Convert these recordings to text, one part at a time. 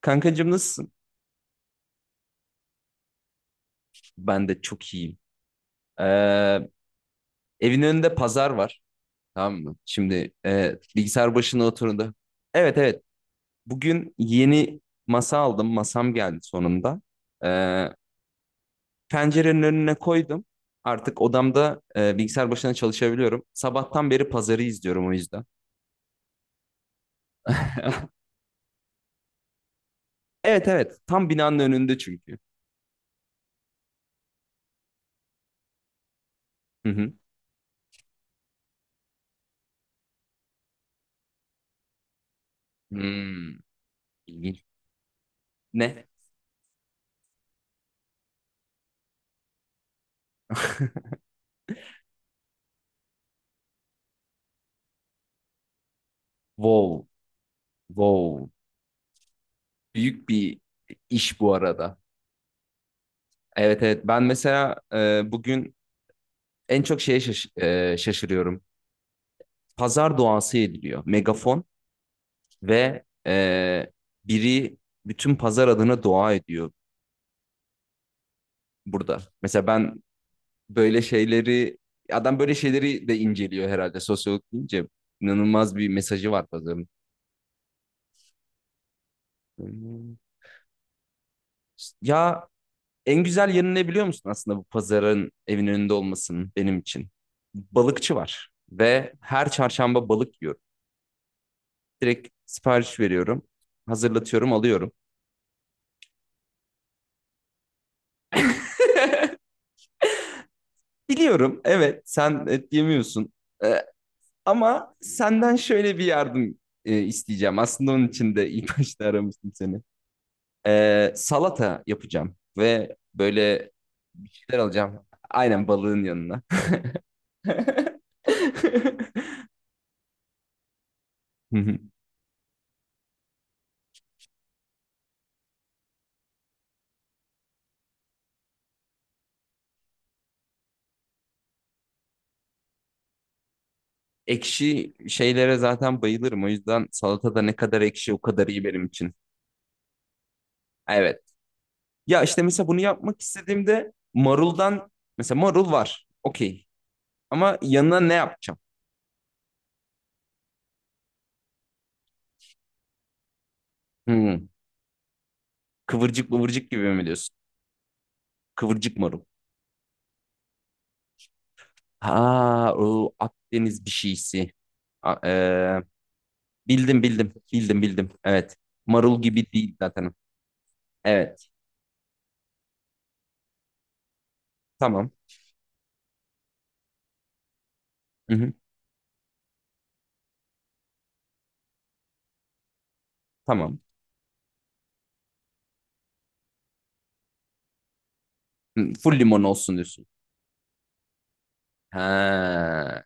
Kankacığım nasılsın? Ben de çok iyiyim. Ee, Evin önünde pazar var. Tamam mı? Şimdi bilgisayar başına oturdu. Evet, evet. Bugün yeni masa aldım. Masam geldi sonunda. Ee, Pencerenin önüne koydum. Artık odamda bilgisayar başına çalışabiliyorum. Sabahtan beri pazarı izliyorum o yüzden. Evet, evet. Tam binanın önünde çünkü. Hı hı. Hmm, ilginç. Ne? Wow. Wow. Büyük bir iş bu arada. Evet, evet, ben mesela bugün en çok şeye şaşırıyorum. Pazar duası ediliyor. Megafon ve biri bütün pazar adına dua ediyor burada. Mesela ben böyle şeyleri adam böyle şeyleri de inceliyor herhalde sosyolog deyince inanılmaz bir mesajı var pazarın. Hmm. Ya en güzel yanı ne biliyor musun aslında bu pazarın evin önünde olmasının benim için? Balıkçı var ve her çarşamba balık yiyorum. Direkt sipariş veriyorum. Hazırlatıyorum, alıyorum. Biliyorum, evet, sen et yemiyorsun. Ee, Ama senden şöyle bir yardım isteyeceğim. Aslında onun için de ilk başta aramıştım seni. Salata yapacağım ve böyle bir şeyler alacağım. Aynen balığın yanına. Hı hı. Ekşi şeylere zaten bayılırım. O yüzden salatada ne kadar ekşi o kadar iyi benim için. Evet. Ya işte mesela bunu yapmak istediğimde maruldan mesela marul var. Okey. Ama yanına ne yapacağım? Hmm. Kıvırcık mıvırcık gibi mi diyorsun? Kıvırcık marul. Ha, o Akdeniz bir şeysi. A- e, Bildim, bildim. Bildim, bildim. Evet. Marul gibi değil zaten. Evet. Tamam. Hı-hı. Tamam. Hı, full limon olsun diyorsun. Ha.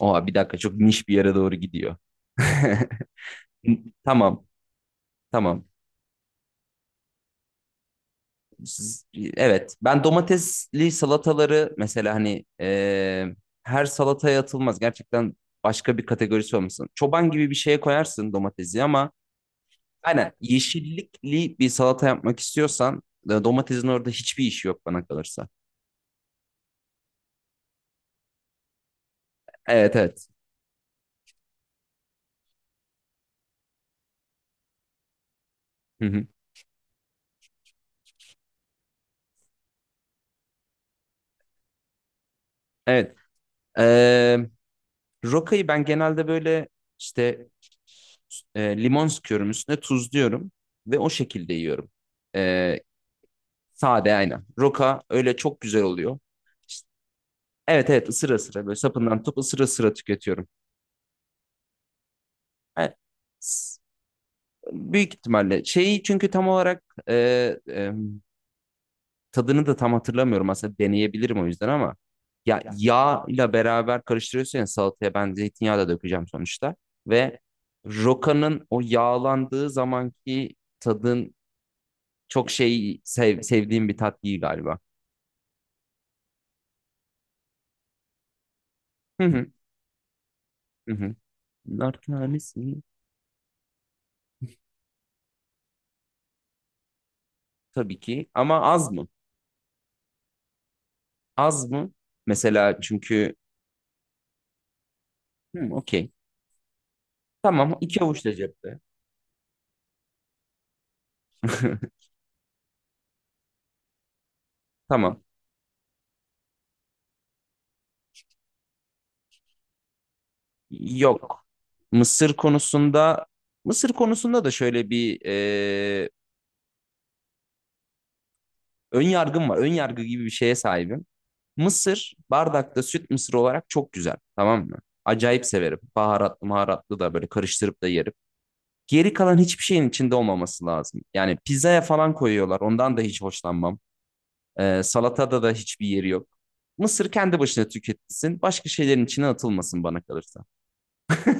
Oha, bir dakika, çok niş bir yere doğru gidiyor. Tamam. Tamam. Evet, ben domatesli salataları mesela hani her salataya atılmaz. Gerçekten başka bir kategorisi olmasın. Çoban gibi bir şeye koyarsın domatesi ama aynen yeşillikli bir salata yapmak istiyorsan domatesin orada hiçbir işi yok bana kalırsa. Evet, evet. Hı hı. Evet. E, Rokayı ben genelde böyle işte limon sıkıyorum, üstüne tuzluyorum ve o şekilde yiyorum. E, Sade aynen. Roka öyle çok güzel oluyor. İşte, evet, evet, ısıra ısıra böyle sapından tutup ısıra ısıra tüketiyorum. Yani, s- büyük ihtimalle şeyi çünkü tam olarak e, e, tadını da tam hatırlamıyorum aslında, deneyebilirim o yüzden ama ya yağ ile beraber karıştırıyorsun ya salataya ben zeytinyağı da dökeceğim sonuçta ve rokanın o yağlandığı zamanki tadın çok sevdiğim bir tat değil galiba. Hı hı hı hı. Nar tanesi. Tabii ki ama az mı? Az mı? Mesela çünkü hmm, okey. Tamam, iki avuç da cepte. Tamam. Yok. Mısır konusunda Mısır konusunda da şöyle bir ön yargım var. Ön yargı gibi bir şeye sahibim. Mısır bardakta süt mısır olarak çok güzel. Tamam mı? Acayip severim. Baharatlı maharatlı da böyle karıştırıp da yerim. Geri kalan hiçbir şeyin içinde olmaması lazım. Yani pizzaya falan koyuyorlar. Ondan da hiç hoşlanmam. Salatada da hiçbir yeri yok. Mısır kendi başına tüketilsin. Başka şeylerin içine atılmasın bana kalırsa.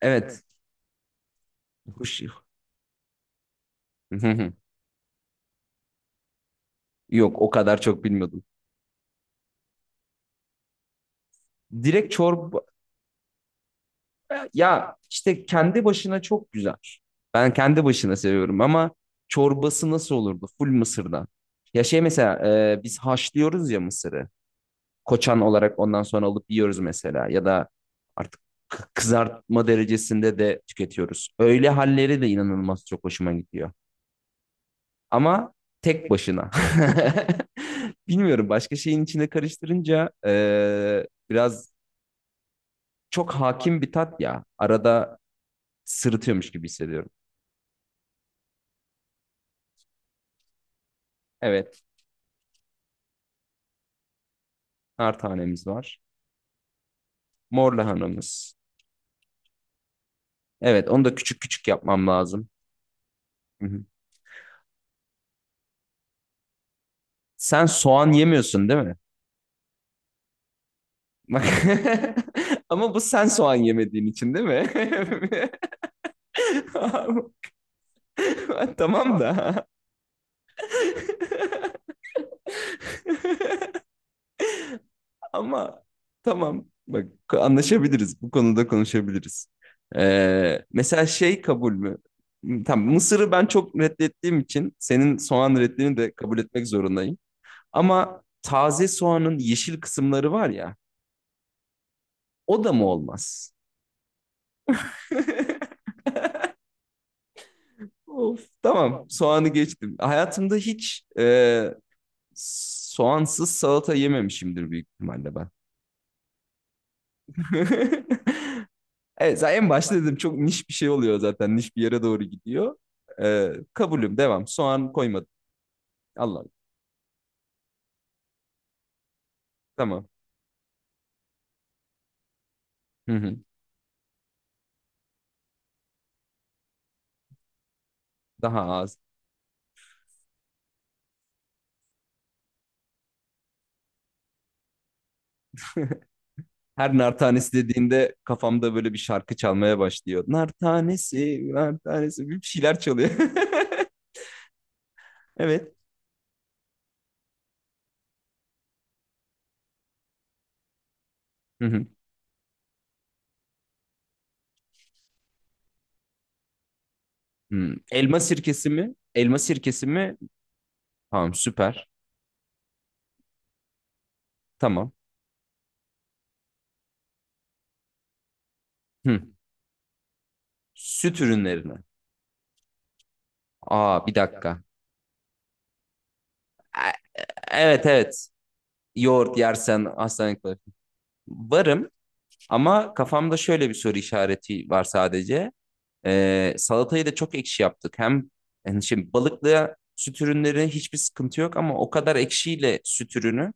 Evet. Huş- Yok, o kadar çok bilmiyordum. Direkt çorba, ya işte kendi başına çok güzel. Ben kendi başına seviyorum ama çorbası nasıl olurdu? Full mısırdan. Ya şey mesela biz haşlıyoruz ya mısırı, koçan olarak, ondan sonra alıp yiyoruz mesela ya da artık kızartma derecesinde de tüketiyoruz. Öyle halleri de inanılmaz çok hoşuma gidiyor. Ama tek başına. Bilmiyorum, başka şeyin içine karıştırınca biraz çok hakim bir tat ya. Arada sırıtıyormuş gibi hissediyorum. Evet, nar tanemiz var. Mor lahanamız. Evet, onu da küçük küçük yapmam lazım. Hı hı. Sen soğan yemiyorsun değil mi? Bak. Ama bu sen soğan yemediğin için değil mi? Tamam da. Ama tamam. Bak, anlaşabiliriz. Bu konuda konuşabiliriz. Mesela şey kabul mü? Tamam, Mısır'ı ben çok reddettiğim için senin soğan reddini de kabul etmek zorundayım. Ama taze soğanın yeşil kısımları var ya, o da mı olmaz? Of, tamam, soğanı geçtim. Hayatımda hiç soğansız salata yememişimdir büyük ihtimalle ben. Evet, zaten en başta dedim, çok niş bir şey oluyor zaten. Niş bir yere doğru gidiyor. Kabulüm devam. Soğan koymadım. Allah Allah. Tamam. Hı hı. Daha az. Her nar tanesi dediğinde kafamda böyle bir şarkı çalmaya başlıyor. Nar tanesi, nar tanesi bir şeyler çalıyor. Evet. Hı hı. Hı. Elma sirkesi mi? Elma sirkesi mi? Tamam, süper. Tamam. Hı. Süt ürünlerine. Aa, bir dakika. E- Evet, evet. Yoğurt yersen hastanelik kalır. Varım ama kafamda şöyle bir soru işareti var sadece. Salatayı da çok ekşi yaptık. Hem yani şimdi balıkla süt ürünleri hiçbir sıkıntı yok ama o kadar ekşiyle süt ürünü.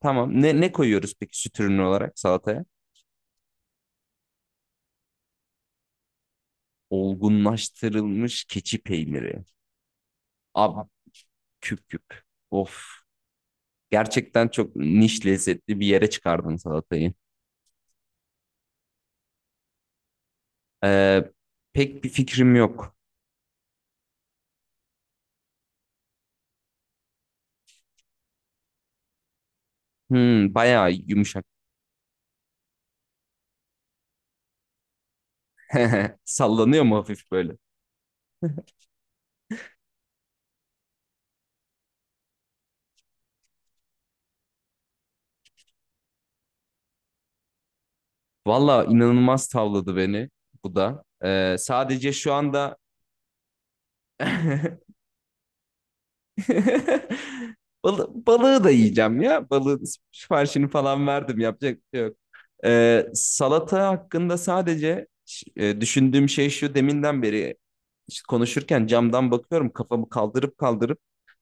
Tamam. Ne koyuyoruz peki süt ürünü olarak salataya? Olgunlaştırılmış keçi peyniri. Abi küp küp. Of. Gerçekten çok niş lezzetli bir yere çıkardın salatayı. Ee, Pek bir fikrim yok. Hmm, bayağı yumuşak. Sallanıyor mu hafif böyle? Valla inanılmaz tavladı beni bu da. Sadece şu anda balığı da yiyeceğim ya. Balığın siparişini falan verdim. Yapacak bir şey yok. Salata hakkında sadece düşündüğüm şey şu, deminden beri işte konuşurken camdan bakıyorum kafamı kaldırıp kaldırıp,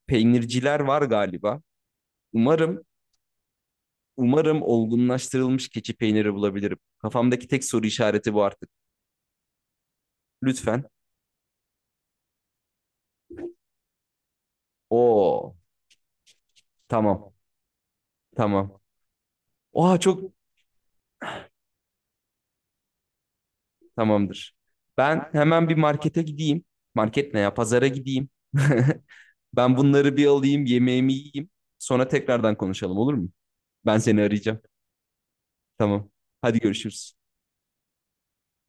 peynirciler var galiba. Umarım, umarım olgunlaştırılmış keçi peyniri bulabilirim. Kafamdaki tek soru işareti bu artık. Lütfen. Oo, tamam, tamam. Oha çok tamamdır. Ben hemen bir markete gideyim. Market ne ya? Pazara gideyim. Ben bunları bir alayım, yemeğimi yiyeyim. Sonra tekrardan konuşalım, olur mu? Ben seni arayacağım. Tamam. Hadi görüşürüz.